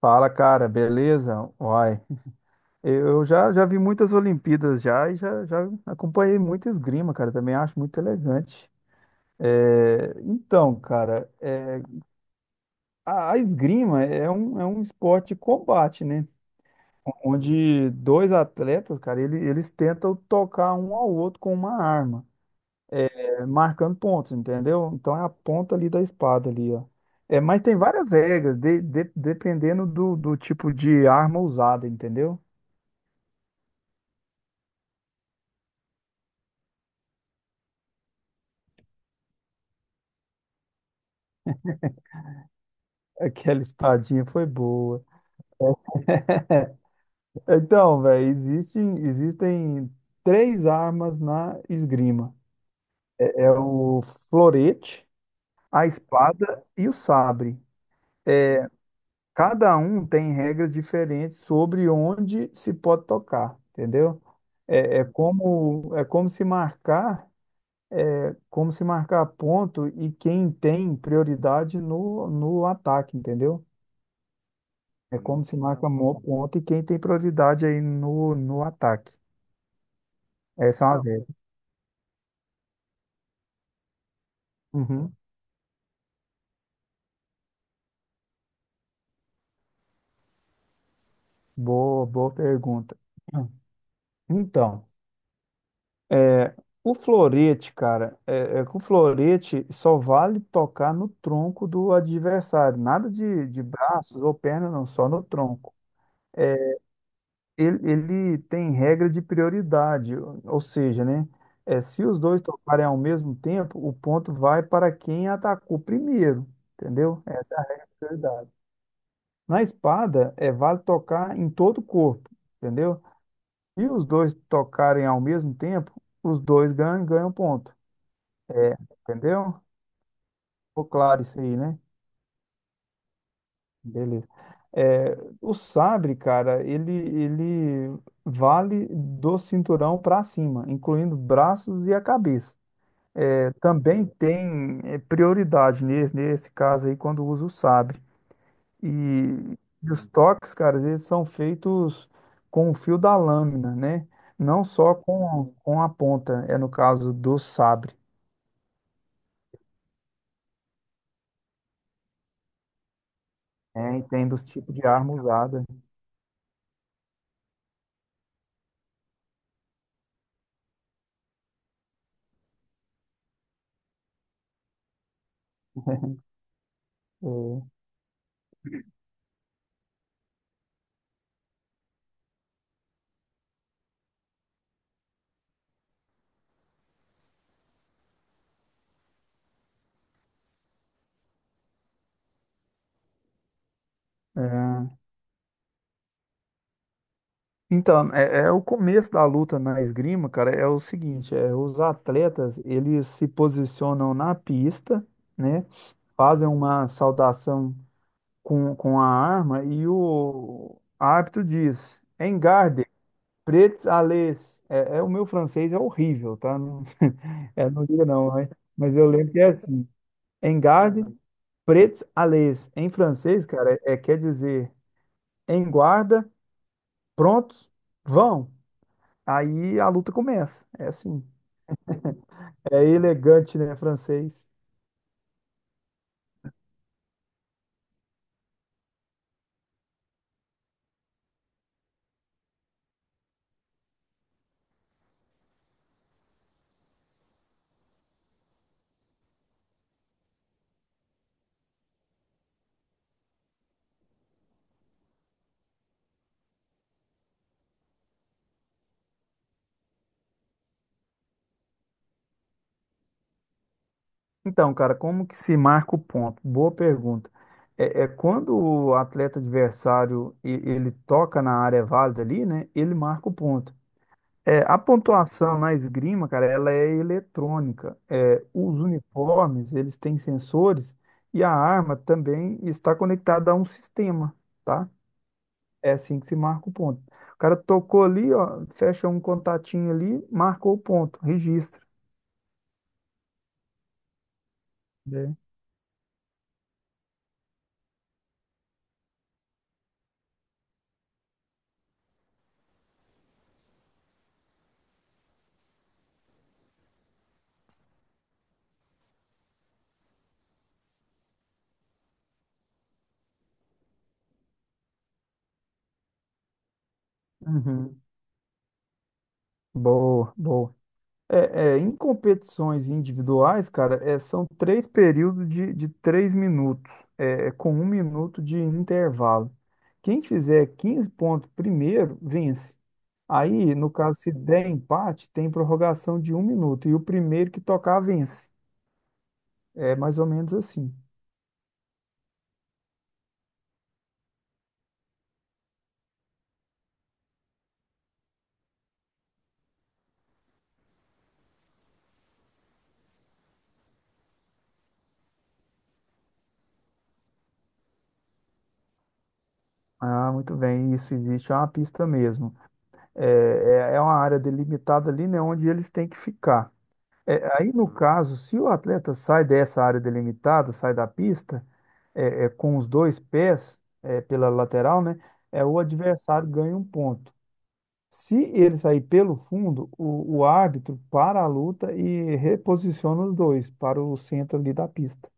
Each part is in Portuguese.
Fala, cara, beleza? Uai, eu já vi muitas Olimpíadas já e já acompanhei muita esgrima, cara, também acho muito elegante. É, então, cara, é, a esgrima é um esporte de combate, né? Onde dois atletas, cara, eles tentam tocar um ao outro com uma arma, é, marcando pontos, entendeu? Então é a ponta ali da espada ali, ó. É, mas tem várias regras, dependendo do tipo de arma usada, entendeu? Aquela espadinha foi boa. Então, velho, existem três armas na esgrima. É o florete, a espada e o sabre. Cada um tem regras diferentes sobre onde se pode tocar, entendeu? É, é como se marcar ponto e quem tem prioridade no ataque, entendeu? É como se marca ponto e quem tem prioridade aí no ataque. Essa é uma Uhum. Boa pergunta. Então, o florete, cara, é que o florete só vale tocar no tronco do adversário, nada de braços ou pernas, não, só no tronco. Ele tem regra de prioridade, ou seja, né, é, se os dois tocarem ao mesmo tempo, o ponto vai para quem atacou primeiro, entendeu? Essa é a regra de prioridade. Na espada, é vale tocar em todo o corpo, entendeu? E os dois tocarem ao mesmo tempo, os dois ganham, ganham ponto. Entendeu? Ficou claro isso aí, né? Beleza. É, o sabre, cara, ele vale do cinturão para cima, incluindo braços e a cabeça. É, também tem é, prioridade nesse caso aí quando usa o sabre. E, e os toques, cara, eles são feitos com o fio da lâmina, né? Não só com a ponta, é no caso do sabre. É, entendo os tipos de arma usada. É, é. Então, é o começo da luta na esgrima, cara, é o seguinte, é, os atletas, eles se posicionam na pista, né, fazem uma saudação com a arma e o árbitro diz, Engarde, prêts à lez. O meu francês é horrível, tá? Não, é, não diga não, mas eu lembro que é assim, Engarde, prêts à lez. Em francês, cara, quer dizer em guarda, prontos, vão. Aí a luta começa. É assim. É elegante, né, francês? Então, cara, como que se marca o ponto? Boa pergunta. É quando o atleta adversário ele toca na área válida ali, né? Ele marca o ponto. É, a pontuação na esgrima, cara, ela é eletrônica. É, os uniformes, eles têm sensores e a arma também está conectada a um sistema, tá? É assim que se marca o ponto. O cara tocou ali, ó, fecha um contatinho ali, marcou o ponto, registra, né? Uhum. Boa, boa. Em competições individuais, cara, é, são três períodos de 3 minutos, é com 1 minuto de intervalo. Quem fizer 15 pontos primeiro, vence. Aí, no caso, se der empate, tem prorrogação de 1 minuto, e o primeiro que tocar, vence. É mais ou menos assim. Ah, muito bem, isso existe, é uma pista mesmo. É, é uma área delimitada ali, né, onde eles têm que ficar. Aí, no caso, se o atleta sai dessa área delimitada, sai da pista, com os dois pés, é, pela lateral, né, é, o adversário ganha um ponto. Se ele sair pelo fundo, o árbitro para a luta e reposiciona os dois para o centro ali da pista.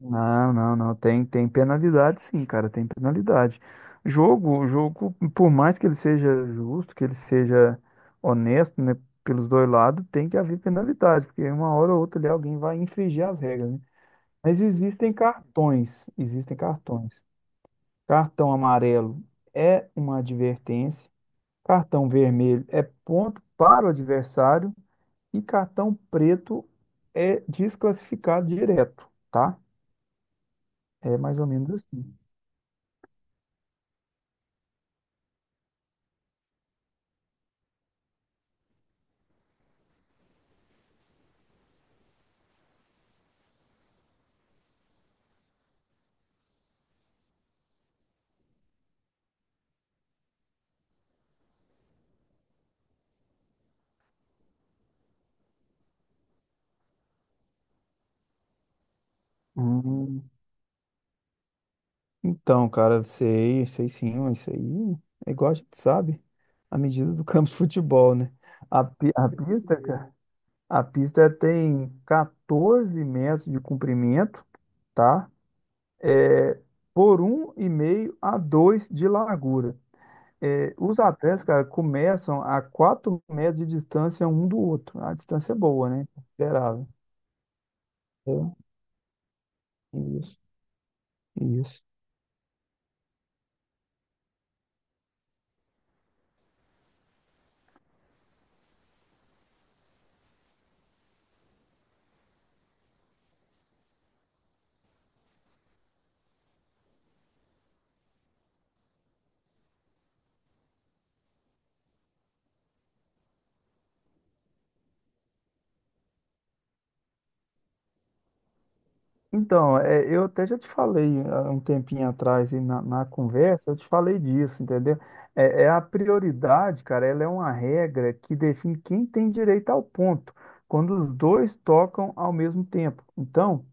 Não, não, não. Tem penalidade, sim, cara. Tem penalidade. Por mais que ele seja justo, que ele seja honesto, né, pelos dois lados, tem que haver penalidade, porque uma hora ou outra ali alguém vai infringir as regras, né? Mas existem cartões, existem cartões. Cartão amarelo é uma advertência, cartão vermelho é ponto para o adversário e cartão preto é desclassificado direto, tá? É mais ou menos assim. Hum, Então, cara, sei sim, mas isso aí é igual a gente sabe, a medida do campo de futebol, né? A pista, cara, a pista tem 14 metros de comprimento, tá? É, por um e meio a 2 de largura. É, os atletas, cara, começam a 4 metros de distância um do outro. A distância é boa, né? Considerável. É, isso, isso. Então, é, eu até já te falei há um tempinho atrás e na conversa, eu te falei disso, entendeu? É, é a prioridade, cara, ela é uma regra que define quem tem direito ao ponto, quando os dois tocam ao mesmo tempo. Então,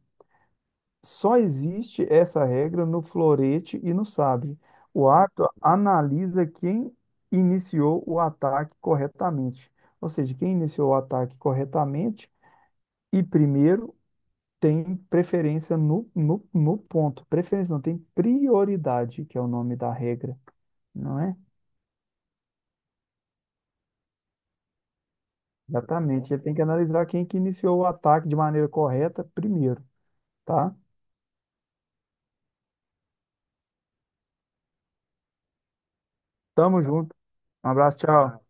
só existe essa regra no florete e no sabre. O árbitro analisa quem iniciou o ataque corretamente, ou seja, quem iniciou o ataque corretamente e primeiro tem preferência no ponto. Preferência não, tem prioridade, que é o nome da regra, não é? Exatamente. Ele tem que analisar quem que iniciou o ataque de maneira correta primeiro, tá? Tamo junto. Um abraço, tchau.